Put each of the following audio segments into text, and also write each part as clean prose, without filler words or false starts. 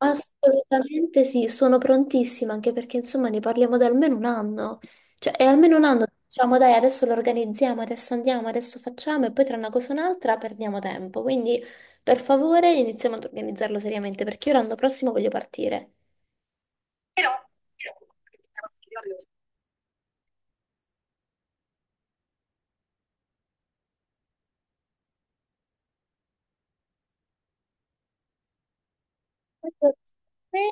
Assolutamente sì, sono prontissima anche perché insomma ne parliamo da almeno un anno, cioè è almeno un anno che diciamo dai adesso lo organizziamo, adesso andiamo, adesso facciamo e poi tra una cosa e un'altra perdiamo tempo, quindi per favore iniziamo ad organizzarlo seriamente perché io l'anno prossimo voglio partire. Però, però, me-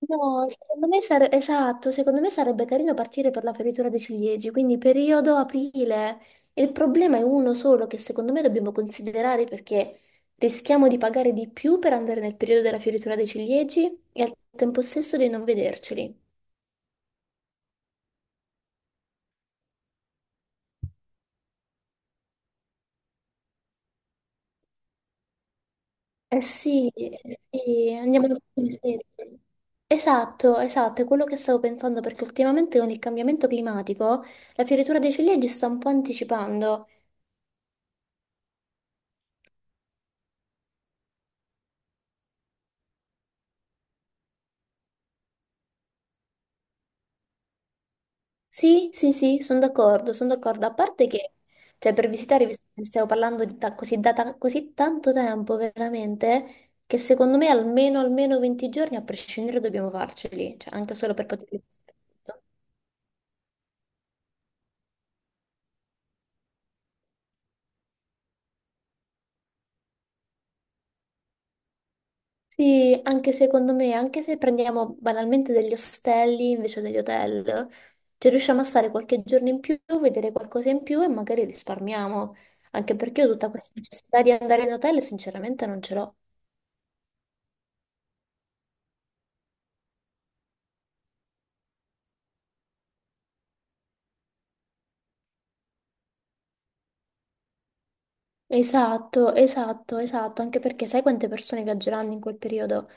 no, secondo me esatto, secondo me sarebbe carino partire per la fioritura dei ciliegi, quindi periodo aprile. Il problema è uno solo che secondo me dobbiamo considerare, perché rischiamo di pagare di più per andare nel periodo della fioritura dei ciliegi e al tempo stesso di non vederceli. Sì, eh sì, andiamo al museo. Esatto, esatto, è quello che stavo pensando, perché ultimamente con il cambiamento climatico la fioritura dei ciliegi sta un po' anticipando. Sì, sì, sì, sono d'accordo, sono d'accordo. A parte che, cioè, per visitare, visto che stiamo parlando di così, da così tanto tempo, veramente, che secondo me almeno, almeno 20 giorni, a prescindere, dobbiamo farceli, cioè, anche solo per poter visitare tutto. Sì, anche secondo me, anche se prendiamo banalmente degli ostelli invece degli hotel, cioè riusciamo a stare qualche giorno in più, vedere qualcosa in più e magari risparmiamo, anche perché io tutta questa necessità di andare in hotel sinceramente non ce l'ho. Esatto, esatto, esatto, anche perché sai quante persone viaggeranno in quel periodo?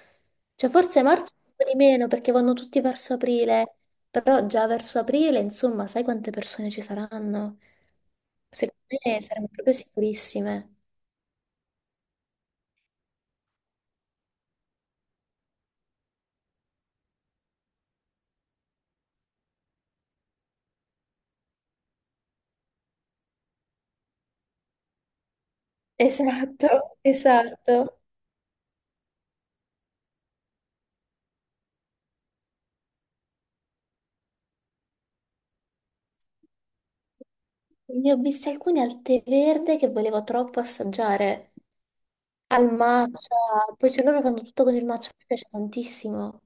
Cioè forse marzo un po' di meno perché vanno tutti verso aprile, però già verso aprile, insomma, sai quante persone ci saranno? Secondo me saremo proprio sicurissime. Esatto, esatto. Ne ho viste alcune al tè verde che volevo troppo assaggiare, al matcha, poi cioè loro fanno tutto con il matcha, mi piace tantissimo.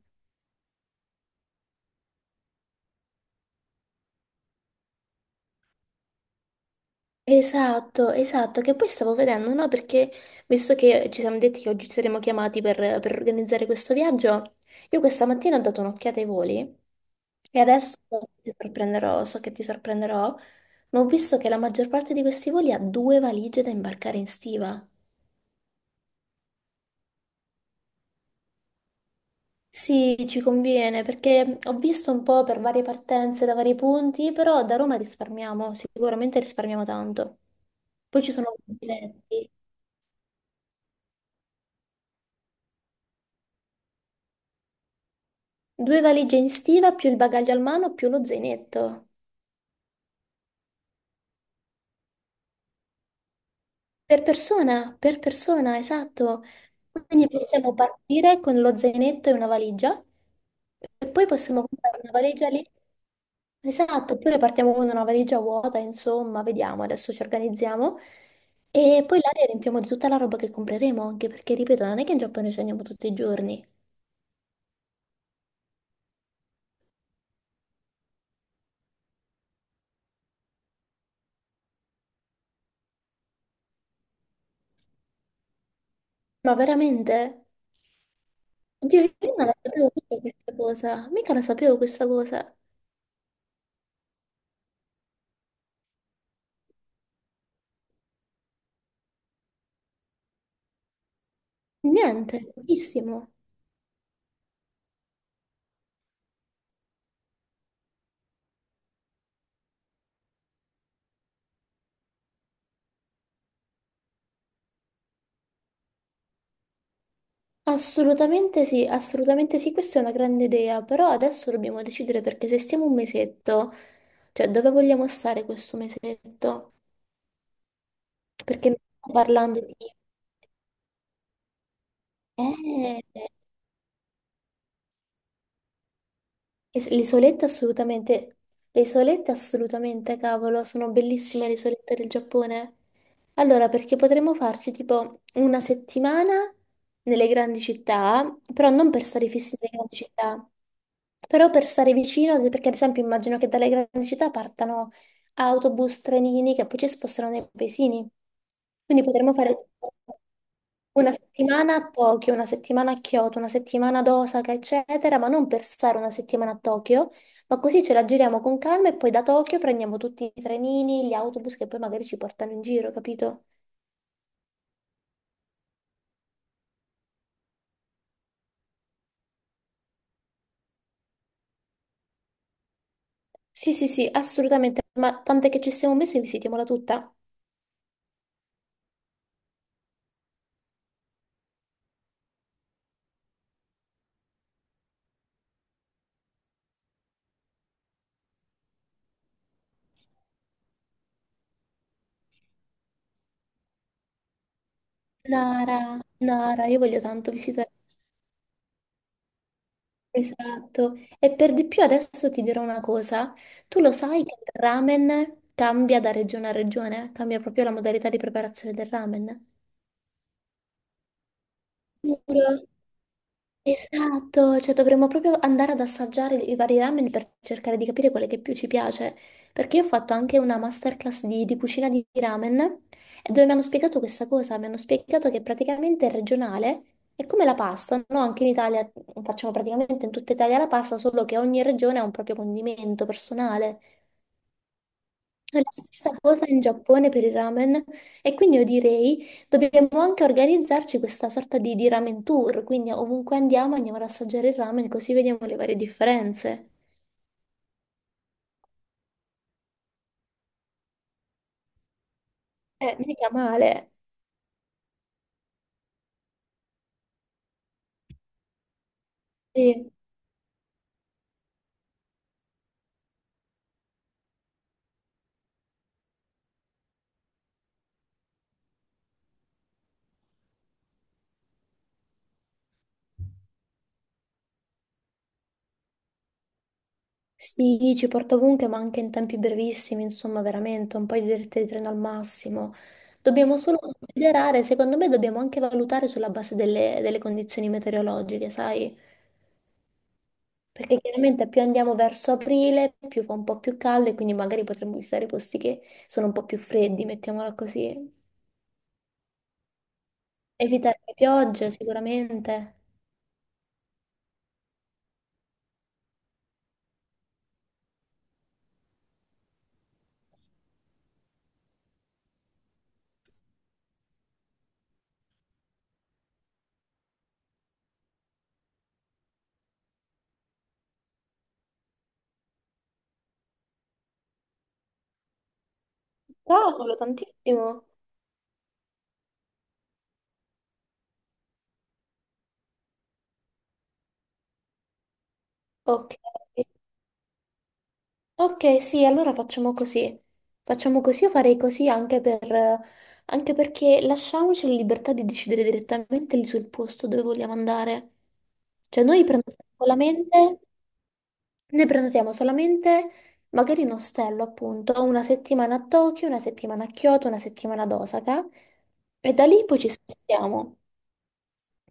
Esatto, esatto, che poi stavo vedendo, no? Perché visto che ci siamo detti che oggi saremo chiamati per organizzare questo viaggio, io questa mattina ho dato un'occhiata ai voli e adesso ti sorprenderò, so che ti sorprenderò, ma ho visto che la maggior parte di questi voli ha due valigie da imbarcare in stiva. Sì, ci conviene, perché ho visto un po' per varie partenze da vari punti, però da Roma risparmiamo, sicuramente risparmiamo tanto. Poi ci sono i biglietti. Due valigie in stiva più il bagaglio al mano più lo zainetto. Per persona, esatto. Quindi possiamo partire con lo zainetto e una valigia e poi possiamo comprare una valigia lì. Esatto, oppure partiamo con una valigia vuota, insomma, vediamo, adesso ci organizziamo. E poi l'aria riempiamo di tutta la roba che compreremo, anche perché, ripeto, non è che in Giappone ci andiamo tutti i giorni. Ma veramente? Oddio, io non la sapevo mica questa cosa, mica la sapevo questa cosa. Niente, pochissimo. Assolutamente sì, questa è una grande idea, però adesso dobbiamo decidere, perché se stiamo un mesetto, cioè dove vogliamo stare questo mesetto? Perché non stiamo parlando di... Eh, le isolette assolutamente, le isolette assolutamente, cavolo, sono bellissime le isolette del Giappone. Allora, perché potremmo farci tipo una settimana nelle grandi città, però non per stare fissi nelle grandi città, però per stare vicino, perché ad esempio immagino che dalle grandi città partano autobus, trenini che poi ci spostano nei paesini. Quindi potremmo fare una settimana a Tokyo, una settimana a Kyoto, una settimana ad Osaka, eccetera, ma non per stare una settimana a Tokyo, ma così ce la giriamo con calma e poi da Tokyo prendiamo tutti i trenini, gli autobus che poi magari ci portano in giro, capito? Sì, sì, sì, assolutamente, ma tant'è che ci siamo messi e visitiamola tutta. Nara, Nara, io voglio tanto visitare. Esatto, e per di più adesso ti dirò una cosa, tu lo sai che il ramen cambia da regione a regione, cambia proprio la modalità di preparazione del ramen? Giuro. Esatto, cioè dovremmo proprio andare ad assaggiare i vari ramen per cercare di capire quale che più ci piace, perché io ho fatto anche una masterclass di cucina di ramen e dove mi hanno spiegato questa cosa, mi hanno spiegato che praticamente è regionale, è come la pasta, no? Anche in Italia facciamo praticamente in tutta Italia la pasta, solo che ogni regione ha un proprio condimento personale, è la stessa cosa in Giappone per i ramen, e quindi io direi dobbiamo anche organizzarci questa sorta di ramen tour, quindi ovunque andiamo andiamo ad assaggiare il ramen così vediamo le varie differenze. Mica male. Sì, sì, ci porto ovunque ma anche in tempi brevissimi, insomma veramente un paio di dirette di treno al massimo. Dobbiamo solo considerare, secondo me dobbiamo anche valutare sulla base delle condizioni meteorologiche, sai? Perché chiaramente più andiamo verso aprile, più fa un po' più caldo e quindi magari potremmo visitare posti che sono un po' più freddi, mettiamola così. Evitare le piogge sicuramente. Cavolo, tantissimo. Ok. Ok, sì, allora facciamo così. Facciamo così, io farei così anche per, anche perché lasciamoci la libertà di decidere direttamente lì sul posto dove vogliamo andare. Cioè noi prendiamo con la mente. Noi prenotiamo solamente magari un ostello, appunto, una settimana a Tokyo, una settimana a Kyoto, una settimana ad Osaka e da lì poi ci spostiamo.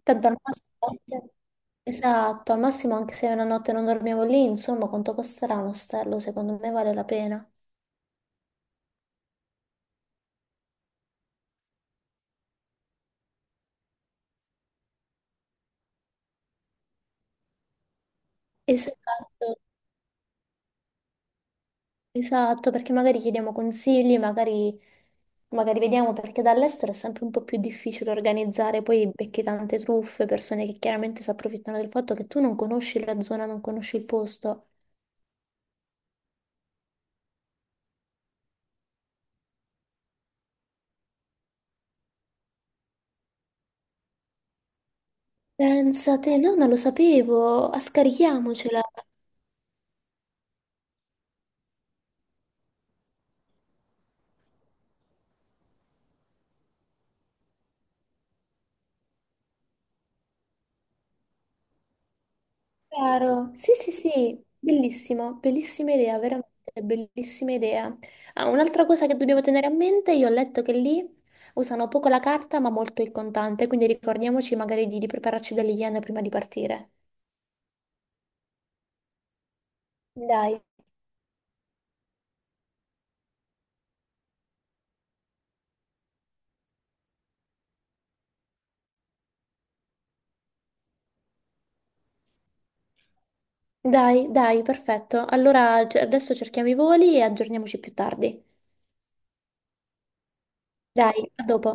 Tanto al massimo, esatto, al massimo anche se una notte non dormiamo lì, insomma, quanto costerà un ostello? Secondo me vale la pena. Esatto, esatto, perché magari chiediamo consigli, magari, magari vediamo, perché dall'estero è sempre un po' più difficile organizzare, poi becchi tante truffe, persone che chiaramente si approfittano del fatto che tu non conosci la zona, non conosci il posto. Pensate, no, non lo sapevo, ah, scarichiamocela. Chiaro. Sì, sì, sì, bellissimo, bellissima idea, veramente bellissima idea. Ah, un'altra cosa che dobbiamo tenere a mente, io ho letto che lì usano poco la carta ma molto il contante, quindi ricordiamoci magari di prepararci delle yen prima di partire. Dai. Dai, dai, perfetto. Allora adesso cerchiamo i voli e aggiorniamoci più tardi. Dai, a dopo.